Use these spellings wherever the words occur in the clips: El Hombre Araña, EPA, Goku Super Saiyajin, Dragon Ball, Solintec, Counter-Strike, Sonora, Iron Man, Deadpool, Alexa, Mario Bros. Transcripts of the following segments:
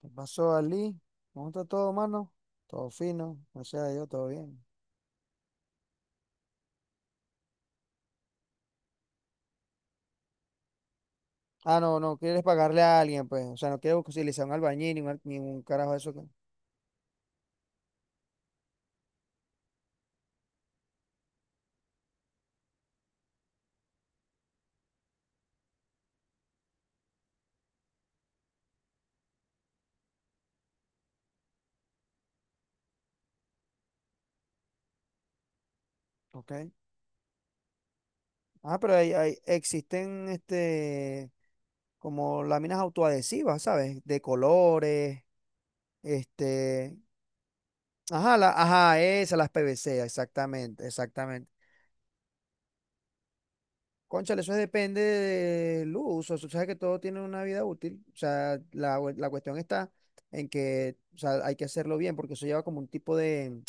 ¿Qué pasó, Ali? ¿Cómo está todo, mano? Todo fino, o sea, yo todo bien. Ah, no, no quieres pagarle a alguien, pues. O sea, no quieres utilizar un albañil ni un, ni un carajo de eso. Ok. Ah, pero existen este, como láminas autoadhesivas, ¿sabes? De colores, este. Ajá, ajá, esas, las PVC, exactamente, exactamente. Cónchale, eso depende del uso. Tú sabes que todo tiene una vida útil. O sea, la cuestión está en que, o sea, hay que hacerlo bien, porque eso lleva como un tipo de,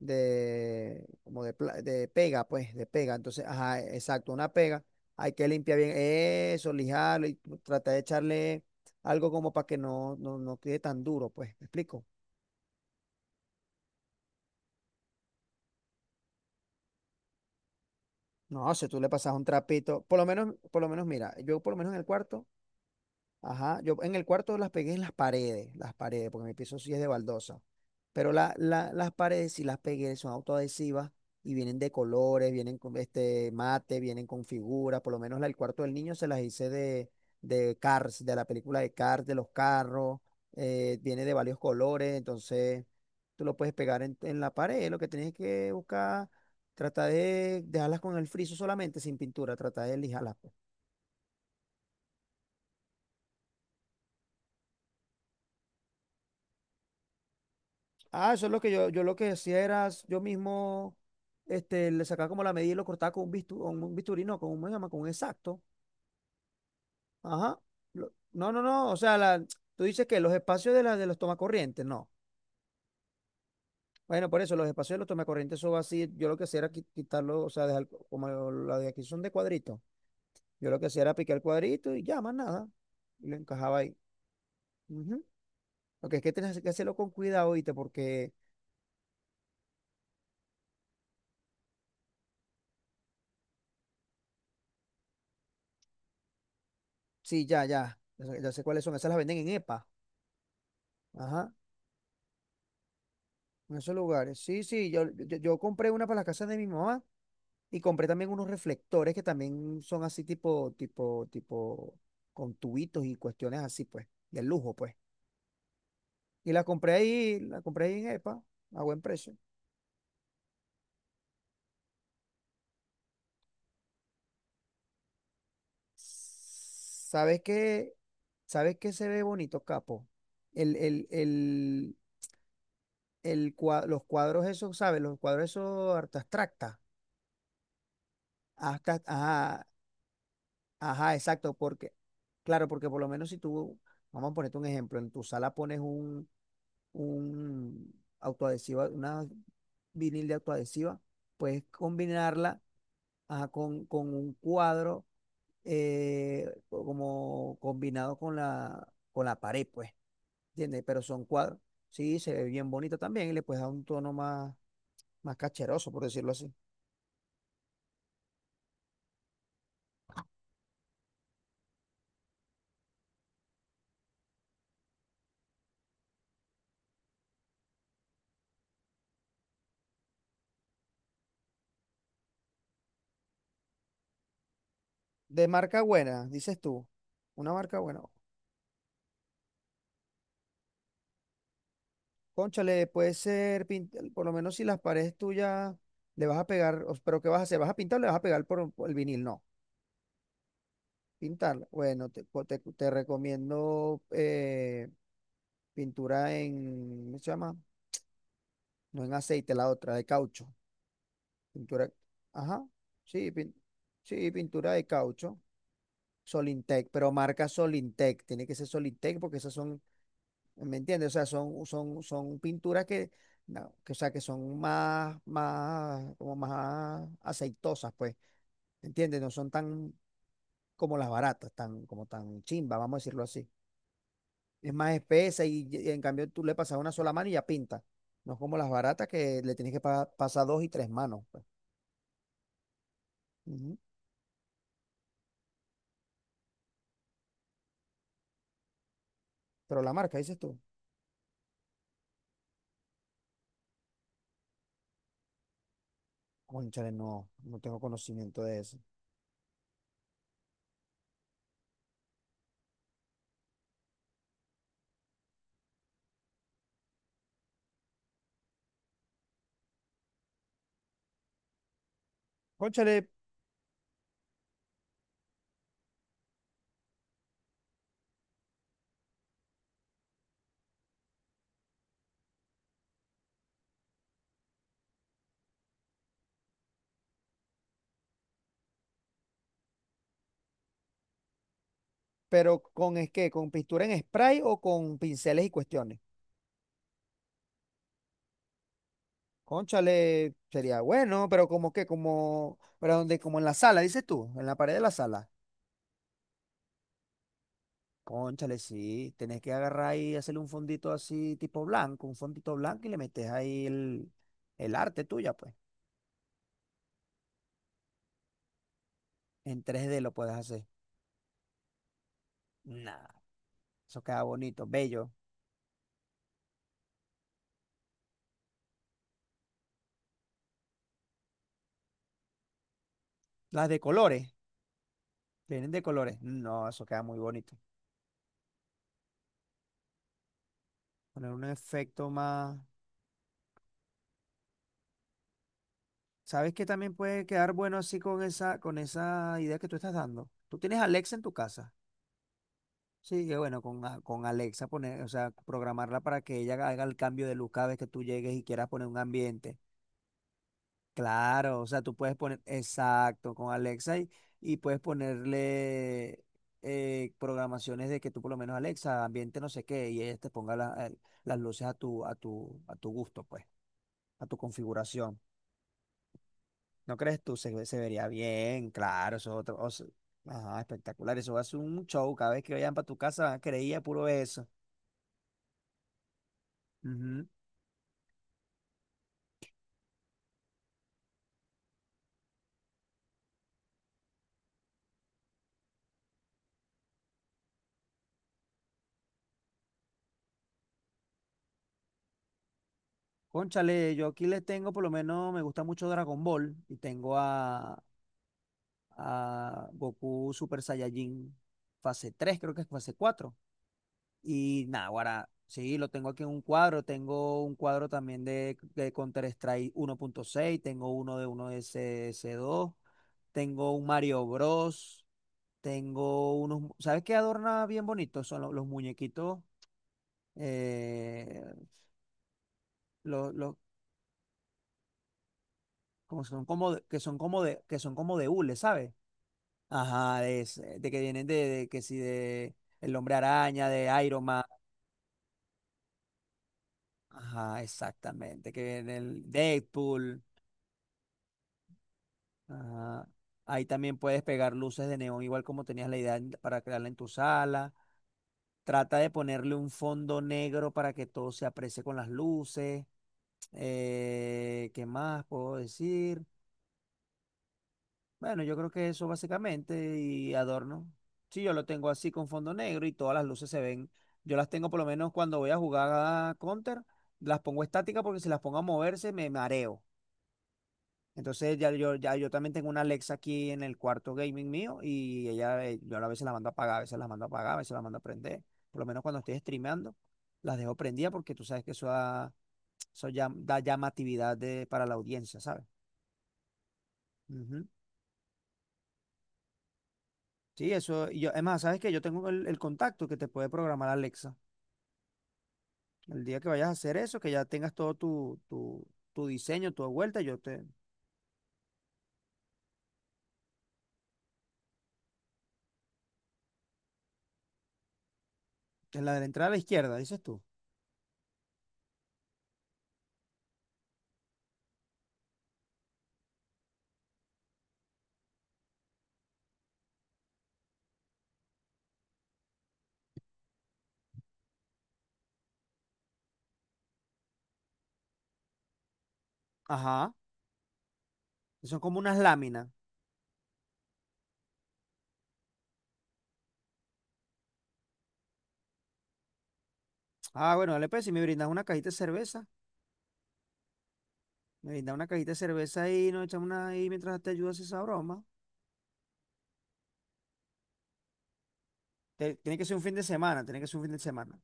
como de, de pega, pues, de pega. Entonces, ajá, exacto, una pega. Hay que limpiar bien eso, lijarlo y tratar de echarle algo como para que no quede tan duro, pues. ¿Me explico? No, si tú le pasas un trapito, por lo menos, mira, yo por lo menos en el cuarto. Ajá, yo en el cuarto las pegué en las paredes, porque mi piso sí es de baldosa. Pero las paredes sí las pegué, son autoadhesivas y vienen de colores, vienen con este mate, vienen con figuras. Por lo menos la del cuarto del niño se las hice de Cars, de la película de Cars, de los carros, viene de varios colores, entonces tú lo puedes pegar en la pared. Lo que tienes que buscar, trata de dejarlas con el friso solamente, sin pintura, trata de lijarlas. Ah, eso es lo que yo lo que hacía era, yo mismo, este, le sacaba como la medida y lo cortaba con un bistu con un bisturí, no, con un, ¿cómo se llama? Con un exacto. Ajá. No, no, no, o sea, tú dices que los espacios de, de los tomacorrientes, no. Bueno, por eso, los espacios de los tomacorrientes, eso va así, yo lo que hacía era quitarlo, o sea, dejar como la de aquí son de cuadrito. Yo lo que hacía era picar el cuadrito y ya, más nada. Y lo encajaba ahí. Ujú. Lo que es que tienes que hacerlo con cuidado, ¿viste? Porque, sí, ya, ya, ya sé cuáles son, esas las venden en EPA. Ajá. En esos lugares. Sí, sí, yo compré una para la casa de mi mamá y compré también unos reflectores que también son así tipo, con tubitos y cuestiones así, pues, de lujo, pues. Y la compré ahí en EPA, a buen precio. ¿Sabes qué? ¿Sabes qué se ve bonito, capo? El, el, el, los cuadros esos, ¿sabes? Los cuadros esos arte abstracta. Hasta, Ajá, exacto, porque, claro, porque por lo menos si tú, vamos a ponerte un ejemplo, en tu sala pones un, un autoadhesiva, una vinil de autoadhesiva, puedes combinarla ajá, con un cuadro eh, como combinado con la pared, pues, ¿entiendes? Pero son cuadros, sí, se ve bien bonito también y le puedes dar un tono más, más cacheroso, por decirlo así. De marca buena, dices tú, una marca buena. Cónchale, puede ser, por lo menos si las paredes tuyas le vas a pegar, pero ¿qué vas a hacer? ¿Vas a pintar o le vas a pegar por el vinil? No, pintarla. Bueno, te recomiendo pintura en, ¿cómo se llama? No en aceite, la otra, de caucho. Pintura, ajá, sí, sí, pintura de caucho. Solintec, pero marca Solintec, tiene que ser Solintec porque esas son. ¿Me entiendes? O sea, son pinturas que, no, que, o sea, que son más, más, como más aceitosas, pues. ¿Me entiendes? No son tan como las baratas, tan, como tan chimba, vamos a decirlo así. Es más espesa y en cambio tú le pasas una sola mano y ya pinta. No es como las baratas que le tienes que pasar dos y tres manos, pues. Ujú. Pero la marca, dices tú. Cónchale, no, no tengo conocimiento de eso. Cónchale, pero con es qué ¿con pintura en spray o con pinceles y cuestiones? Cónchale, sería bueno, pero como que, como, pero donde, como en la sala, dices tú, en la pared de la sala. Cónchale, sí, tenés que agarrar y hacerle un fondito así, tipo blanco, un fondito blanco y le metes ahí el arte tuya, pues. En 3D lo puedes hacer. Nada, eso queda bonito, bello. Las de colores, vienen de colores. No, eso queda muy bonito. Poner un efecto más. ¿Sabes qué también puede quedar bueno así con esa idea que tú estás dando? Tú tienes Alexa en tu casa. Sí, que bueno, con Alexa poner, o sea, programarla para que ella haga el cambio de luz cada vez que tú llegues y quieras poner un ambiente. Claro, o sea, tú puedes poner, exacto, con Alexa y puedes ponerle programaciones de que tú por lo menos Alexa, ambiente no sé qué, y ella te ponga las luces a tu gusto, pues, a tu configuración. ¿No crees tú? Se vería bien, claro, eso es otro, o sea, ajá, espectacular, eso va a ser un show, cada vez que vayan para tu casa, creía puro eso. Ujú. Cónchale, yo aquí les tengo, por lo menos me gusta mucho Dragon Ball y tengo a Goku Super Saiyajin fase 3, creo que es fase 4. Y nada, ahora sí, lo tengo aquí en un cuadro, tengo un cuadro también de Counter-Strike 1.6, tengo uno de uno S S dos, tengo un Mario Bros, tengo unos, ¿sabes qué adorna bien bonito? Son los, muñequitos, eh, los, los- como son que son como de hule, ¿sabes? Ajá, de que vienen de que si de El Hombre Araña, de Iron Man. Ajá, exactamente. Que viene el Deadpool. Ajá. Ahí también puedes pegar luces de neón, igual como tenías la idea para crearla en tu sala. Trata de ponerle un fondo negro para que todo se aprecie con las luces. ¿Qué más puedo decir? Bueno, yo creo que eso básicamente y adorno. Sí, yo lo tengo así con fondo negro y todas las luces se ven. Yo las tengo por lo menos cuando voy a jugar a Counter, las pongo estática porque si las pongo a moverse me mareo. Entonces ya yo también tengo una Alexa aquí en el cuarto gaming mío y ella, yo a veces la mando a apagar, a veces la mando a apagar, a veces la mando a prender. Por lo menos cuando estoy streameando, las dejo prendidas porque tú sabes que eso, eso da llamatividad para la audiencia, ¿sabes? Ujú. Sí, eso, y yo, además, sabes que yo tengo el contacto que te puede programar Alexa. El día que vayas a hacer eso, que ya tengas todo tu, diseño, tu vuelta, yo te, en la de la entrada a la izquierda, dices tú. Ajá, son como unas láminas. Ah, bueno, dale pues, si me brindas una cajita de cerveza, me brindas una cajita de cerveza y nos echamos una ahí mientras te ayudas a esa broma. Tiene que ser un fin de semana, tiene que ser un fin de semana.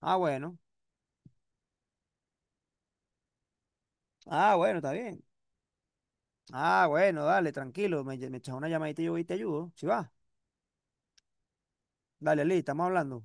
Ah, bueno, ah, bueno, está bien. Ah, bueno, dale, tranquilo, me echas una llamadita y yo voy y te ayudo. Si va, dale, Lee, estamos hablando.